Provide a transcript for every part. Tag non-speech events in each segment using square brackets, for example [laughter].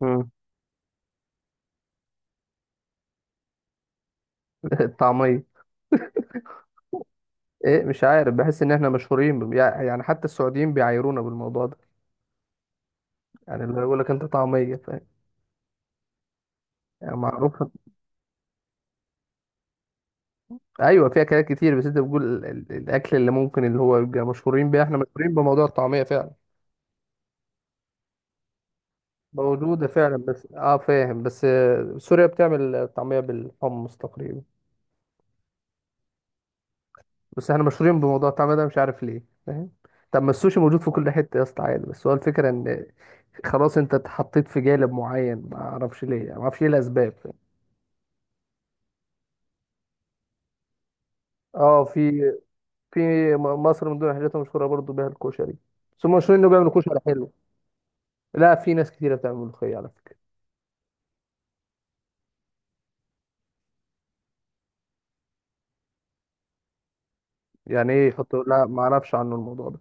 مم. [laughs] الطعمية. ايه، مش عارف. بحس ان احنا مشهورين يعني حتى السعوديين بيعايرونا بالموضوع ده. يعني اللي يقول لك انت طعمية فاهم. يعني معروفة. ايوه، فيها اكلات كتير بس انت بتقول الاكل اللي ممكن اللي هو يبقى مشهورين بيه، احنا مشهورين بموضوع الطعمية فعلا. موجودة فعلا بس اه فاهم بس سوريا بتعمل طعمية بالحمص تقريبا. بس احنا مشهورين بموضوع الطعمية ده مش عارف ليه فاهم. طب ما السوشي موجود في كل حتة يا اسطى عادي، بس هو الفكرة ان خلاص انت اتحطيت في جانب معين، ما اعرفش ليه، ما اعرفش ايه الاسباب. اه في مصر من ضمن الحاجات المشهوره برضو بيها الكشري. بس هم مشهورين انه بيعملوا كشري حلو. لا، في ناس كتيره بتعمل ملوخيه على فكره. يعني ايه يحطوا؟ لا ما اعرفش عنه الموضوع ده.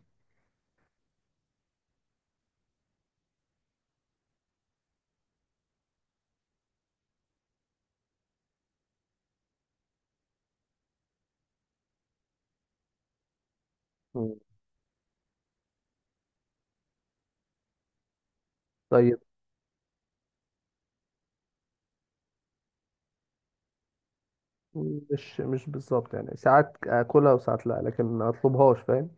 مم. طيب. مش بالظبط يعني، ساعات اكلها وساعات لا، لكن ما اطلبهاش فاهم.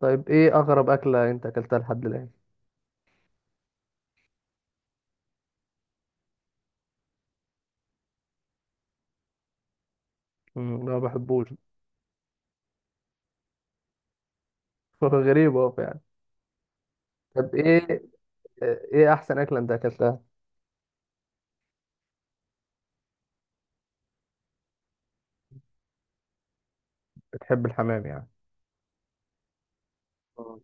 طيب، ايه اغرب اكله انت اكلتها لحد الان؟ انا ما بحبوش. [laughs] غريب اهو يعني. طب ايه احسن اكله انت اكلتها؟ بتحب الحمام يعني. آه.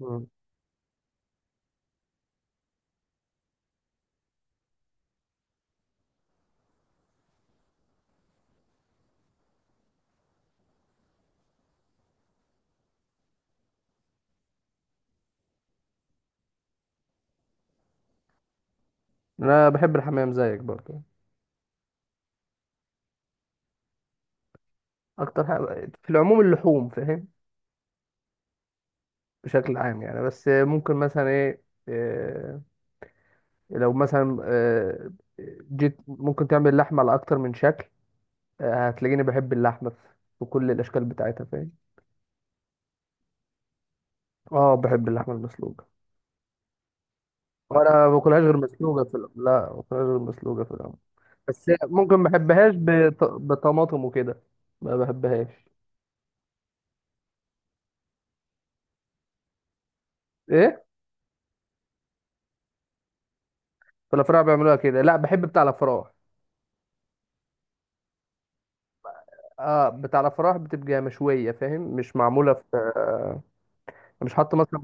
مم. انا بحب الحمام زيك برضه. اكتر حاجه في العموم اللحوم فاهم، بشكل عام يعني. بس ممكن مثلا ايه آه، لو مثلا جيت، ممكن تعمل لحمة على أكتر من شكل. هتلاقيني بحب اللحمة في كل الأشكال بتاعتها فاهم. اه، باكل. بحب اللحمة المسلوقة. وأنا ما باكلهاش غير مسلوقة في الأول، لا ما باكلهاش غير مسلوقة في الأول. بس ممكن ما بحبهاش بطماطم وكده. ما بحبهاش. ايه، في الأفراح بيعملوها كده لا بحب بتاع الأفراح. اه، بتاع الأفراح بتبقى مشوية فاهم، مش معمولة في مش حاطة مثلا.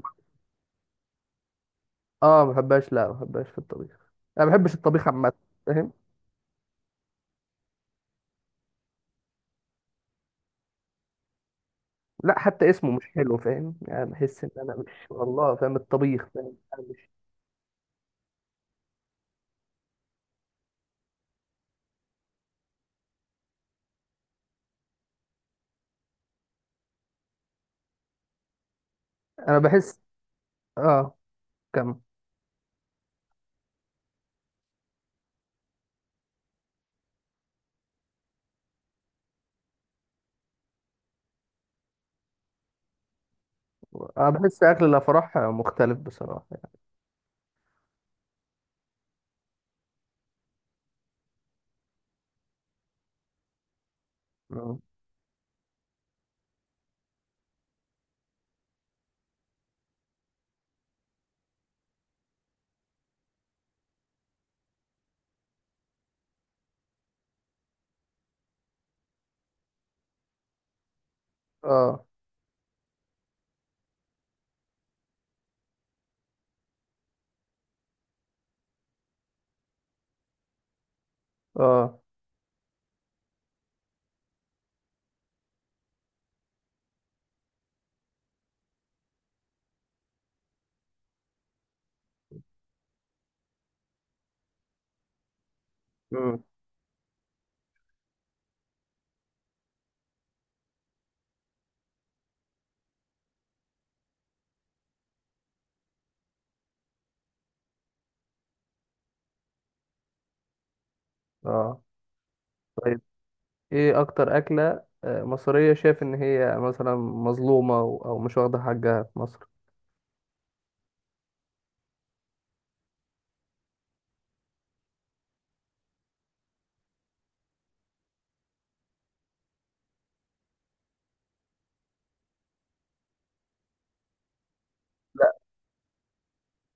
اه ما بحبهاش، لا ما بحبهاش في الطبيخ. انا ما بحبش الطبيخ عامه فاهم. لا، حتى اسمه مش حلو فاهم. يعني بحس ان انا مش والله فاهم الطبيخ فاهم. انا مش. انا بحس. اه. كم. انا بحس اكل الافراح مختلف بصراحه. مم. اه. اه. مم. اه. طيب، ايه اكتر اكله مصريه شايف ان هي مثلا مظلومه او مش واخده حقها في مصر؟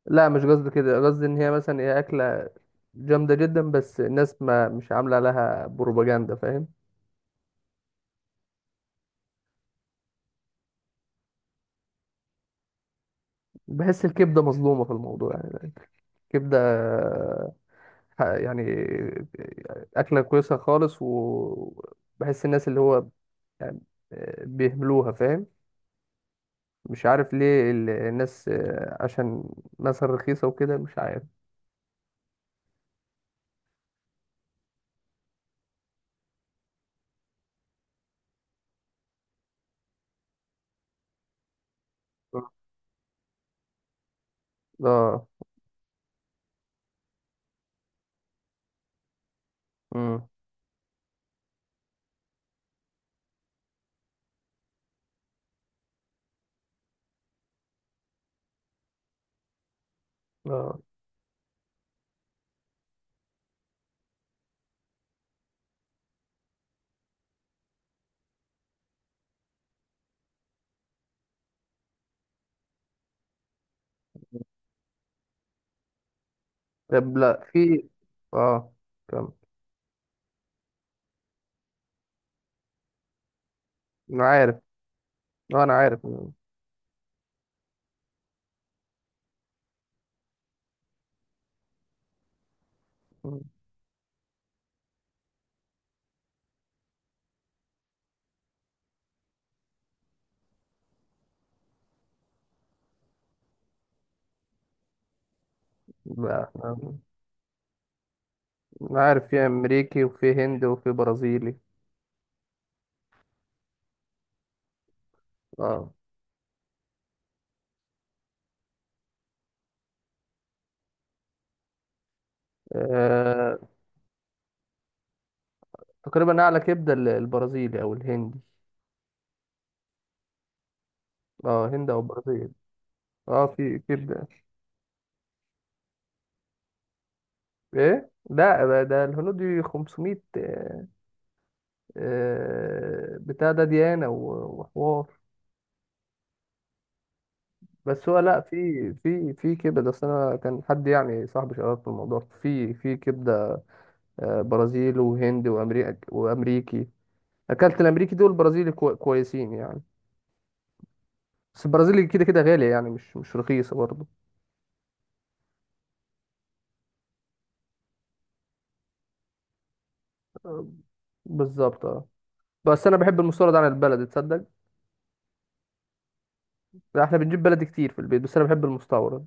لا، مش قصدي كده. قصدي ان هي مثلا هي اكله جامده جدا، بس الناس ما مش عامله لها بروباجندا فاهم. بحس الكبدة مظلومة في الموضوع يعني. الكبدة يعني أكلة كويسة خالص. وبحس الناس اللي هو يعني بيهملوها فاهم. مش عارف ليه الناس عشان مثلا رخيصة وكده مش عارف. اه. امم. اه. طب لا، في. اه. تمام. انا عارف. آه، انا عارف. مم. مم. لا احنا. انا عارف في امريكي وفي هندي وفي برازيلي. اه. آه، تقريبا اعلى كبده البرازيلي او الهندي. اه، هند او برازيل. اه، في كبده. ايه لا بقى، ده الهنود 500 بتاع ده ديانه وحوار. بس هو لا في كبده اصل. انا كان حد يعني صاحبي شغال في الموضوع في في كبده. برازيل وهند وامريكا وامريكي. اكلت الامريكي دول البرازيلي كويسين يعني. بس البرازيلي كده كده غالي يعني، مش رخيصه برضه. بالظبط اه. بس انا بحب المستورد عن البلد تصدق. لا احنا بنجيب بلدي كتير في البيت بس انا بحب المستورد.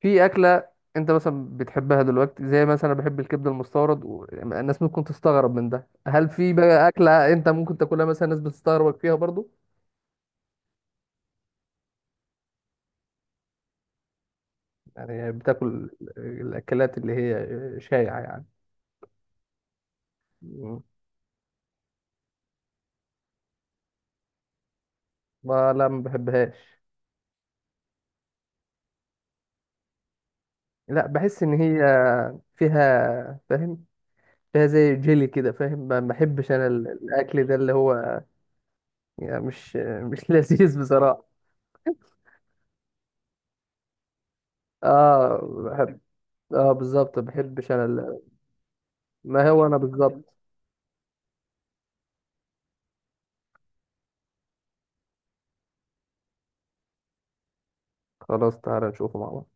في اكله انت مثلا بتحبها دلوقتي زي مثلا انا بحب الكبده المستورد الناس ممكن تستغرب من ده، هل في بقى اكله انت ممكن تاكلها مثلا الناس بتستغربك فيها برضو؟ يعني بتاكل الاكلات اللي هي شائعه يعني. مم. ما لا ما بحبهاش. لا بحس ان هي فيها فاهم. فيها زي جيلي كده فاهم. ما بحبش انا الاكل ده اللي هو يعني مش [laughs] لذيذ بصراحه. اه اه بالظبط، ما بحبش انا ما هو انا بالظبط. خلاص تعالى نشوفه مع بعض.